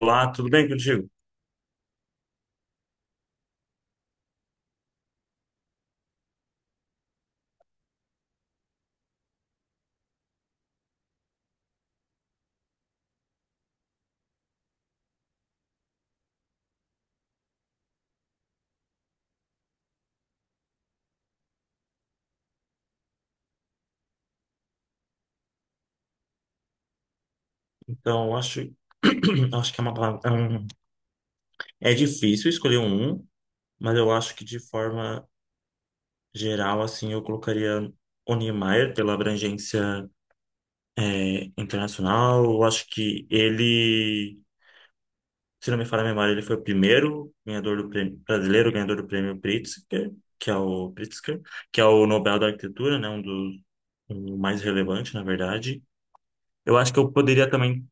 Olá, tudo bem contigo? Então, acho, acho que é uma palavra. É difícil escolher um, mas eu acho que de forma geral, assim, eu colocaria o Niemeyer pela abrangência internacional. Eu acho que ele, se não me falha a memória, ele foi o primeiro ganhador do prêmio, brasileiro ganhador do prêmio Pritzker, que é o Pritzker, que é o Nobel da Arquitetura, né? Um dos um mais relevante, na verdade. Eu acho que eu poderia também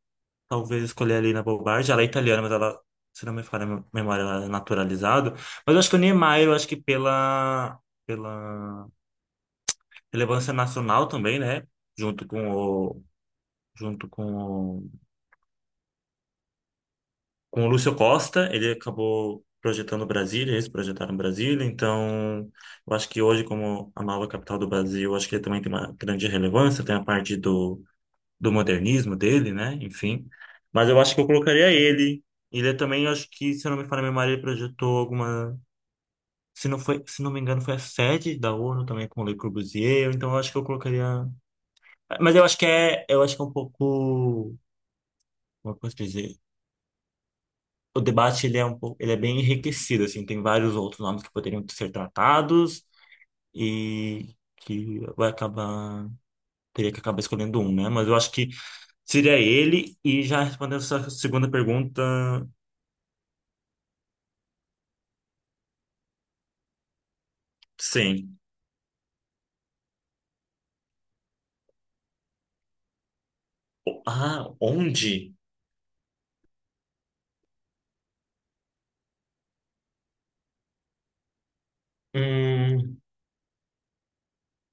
talvez escolher a Lina Bobardi. Ela é italiana, mas ela, se não me falha a memória, ela é naturalizada. Mas eu acho que o Niemeyer, eu acho que pela relevância nacional também, né? Junto com o, junto com o, com o Lúcio Costa, ele acabou projetando Brasília, eles projetaram Brasília. Então, eu acho que hoje, como a nova capital do Brasil, eu acho que ele também tem uma grande relevância. Tem a parte do modernismo dele, né? Enfim. Mas eu acho que eu colocaria ele. Ele é também, acho que, se eu não me falha a memória, ele projetou alguma. Se não foi, se não me engano, foi a sede da ONU também com o Le Corbusier, então eu acho que eu colocaria. Mas eu acho que é um pouco, como eu posso dizer? O debate ele é um pouco, ele é bem enriquecido assim, tem vários outros nomes que poderiam ser tratados e que teria que acabar escolhendo um, né? Mas eu acho que seria ele, e já respondendo a sua segunda pergunta. Sim. Ah, onde? Hum,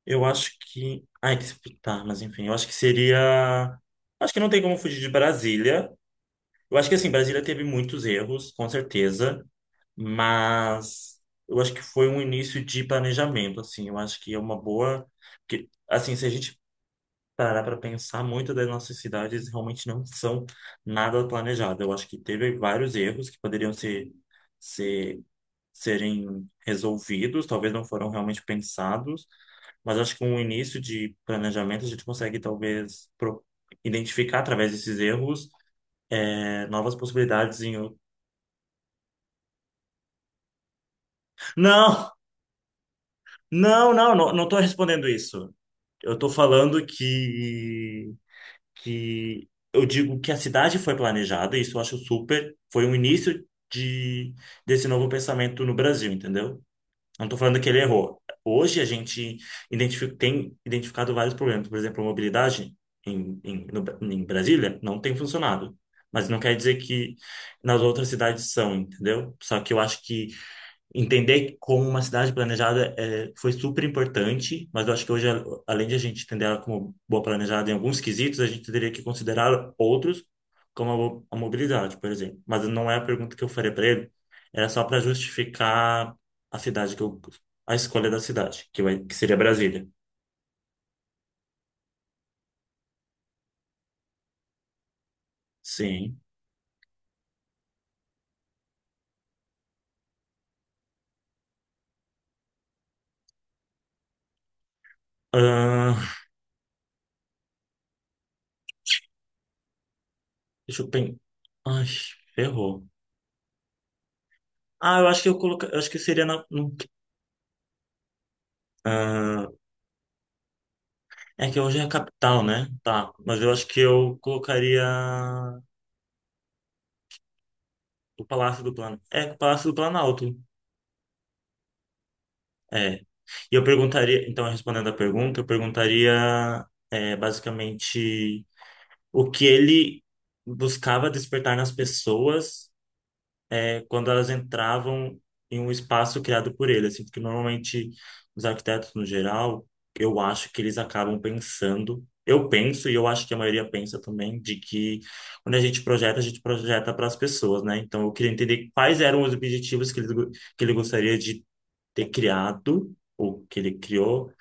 eu acho que. Ai, que se- tá, Mas enfim, eu acho que seria. Acho que não tem como fugir de Brasília. Eu acho que assim, Brasília teve muitos erros, com certeza, mas eu acho que foi um início de planejamento, assim. Eu acho que é uma boa. Porque, assim, se a gente parar para pensar, muitas das nossas cidades realmente não são nada planejadas. Eu acho que teve vários erros que poderiam ser. Ser serem resolvidos, talvez não foram realmente pensados, mas acho que com o início de planejamento a gente consegue identificar através desses erros novas possibilidades Não, não, não, não, não estou respondendo isso. Eu estou falando que eu digo que a cidade foi planejada, isso eu acho super, foi um início de desse novo pensamento no Brasil, entendeu? Não estou falando que ele errou. Hoje a gente tem identificado vários problemas. Por exemplo, a mobilidade em Brasília não tem funcionado. Mas não quer dizer que nas outras cidades são, entendeu? Só que eu acho que entender como uma cidade planejada foi super importante, mas eu acho que hoje, além de a gente entender ela como boa planejada em alguns quesitos, a gente teria que considerar outros, como a mobilidade, por exemplo. Mas não é a pergunta que eu faria para ele, era só para justificar a cidade que eu, a escolha da cidade, que, vai, que seria Brasília. Sim. Ahn, deixa eu pensar. Ai, ferrou. Ah, eu acho que seria na, no, ah, é que hoje é a capital, né? Tá. Mas eu acho que eu colocaria o Palácio do Planalto. É, o Palácio do Planalto. É. E eu perguntaria, então, respondendo a pergunta, eu perguntaria basicamente o que ele buscava despertar nas pessoas quando elas entravam em um espaço criado por ele, assim, porque normalmente os arquitetos no geral, eu acho que eles acabam pensando, eu penso e eu acho que a maioria pensa também de que quando a gente projeta para as pessoas, né? Então eu queria entender quais eram os objetivos que que ele gostaria de ter criado ou que ele criou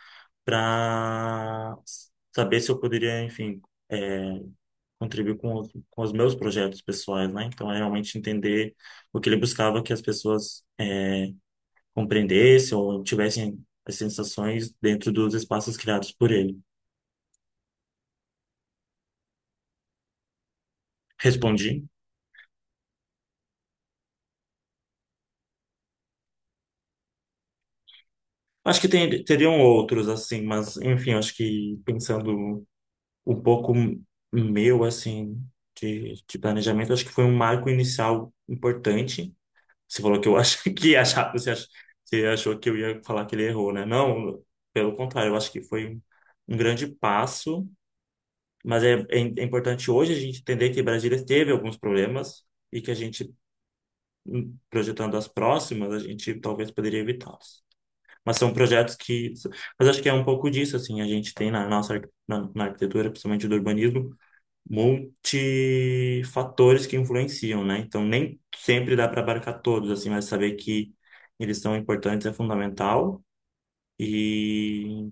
para saber se eu poderia, enfim, é, contribuir com com os meus projetos pessoais, né? Então, é realmente entender o que ele buscava que as pessoas compreendessem ou tivessem as sensações dentro dos espaços criados por ele. Respondi. Acho que teriam outros, assim, mas, enfim, acho que pensando um pouco meu, assim, de planejamento, acho que foi um marco inicial importante. Você falou que eu acho que achava, você achou que eu ia falar que ele errou, né? Não, pelo contrário, eu acho que foi um grande passo, mas é importante hoje a gente entender que Brasília teve alguns problemas e que a gente, projetando as próximas, a gente talvez poderia evitá-los. Mas são projetos que. Mas acho que é um pouco disso, assim, a gente tem na nossa na arquitetura, principalmente do urbanismo, multifatores que influenciam, né? Então, nem sempre dá para abarcar todos, assim, mas saber que eles são importantes é fundamental. E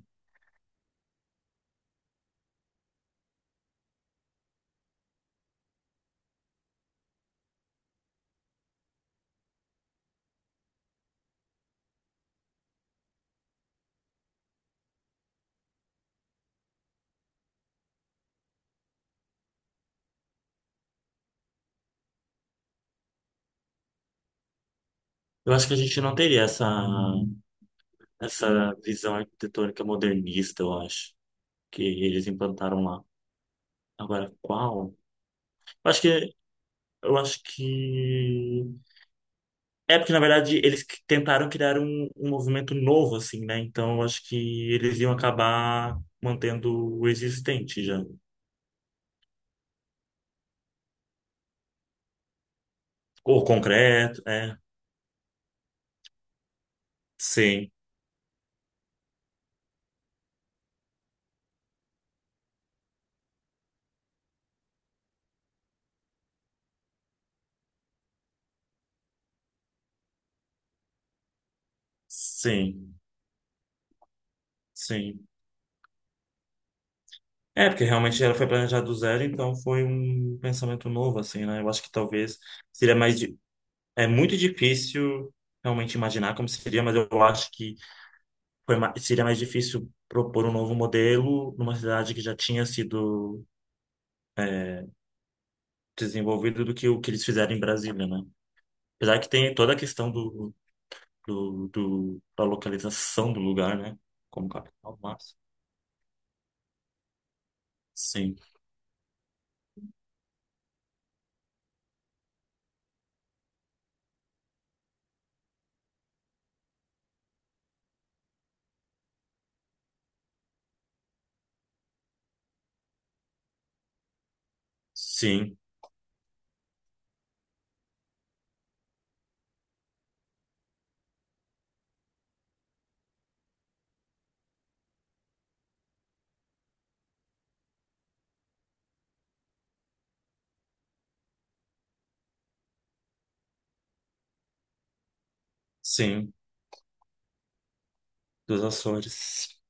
eu acho que a gente não teria essa, essa visão arquitetônica modernista, eu acho, que eles implantaram lá. Agora, qual? Eu acho que, eu acho que... É porque, na verdade, tentaram criar um movimento novo, assim, né? Então, eu acho que eles iam acabar mantendo o existente já. Ou concreto, é. Sim, sim, sim. É, porque realmente ela foi planejada do zero, então foi um pensamento novo, assim, né? Eu acho que talvez seria mais. di- é muito difícil realmente imaginar como seria, mas eu acho que seria mais difícil propor um novo modelo numa cidade que já tinha sido desenvolvida do que o que eles fizeram em Brasília, né? Apesar que tem toda a questão da localização do lugar, né? Como capital, mas. Sim, sim, sim. Dos Açores.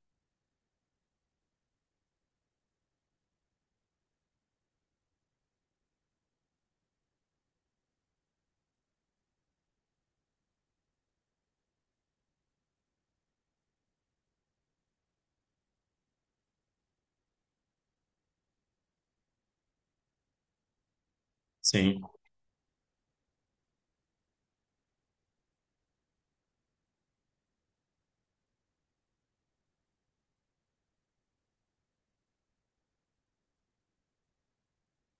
Sim,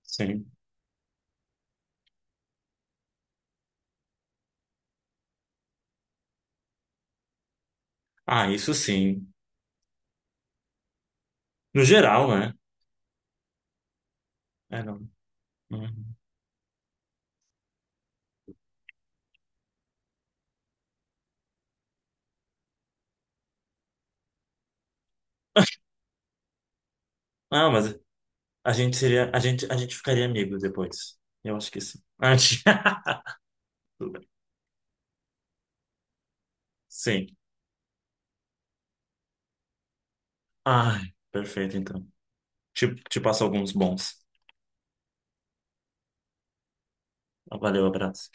sim. Ah, isso sim. No geral, né? É, não. Uhum. Ah, mas a gente seria, a gente ficaria amigo depois. Eu acho que sim. Ah, gente- Tudo bem. Sim. Ai, perfeito, então. Te passo alguns bons. Valeu, abraço.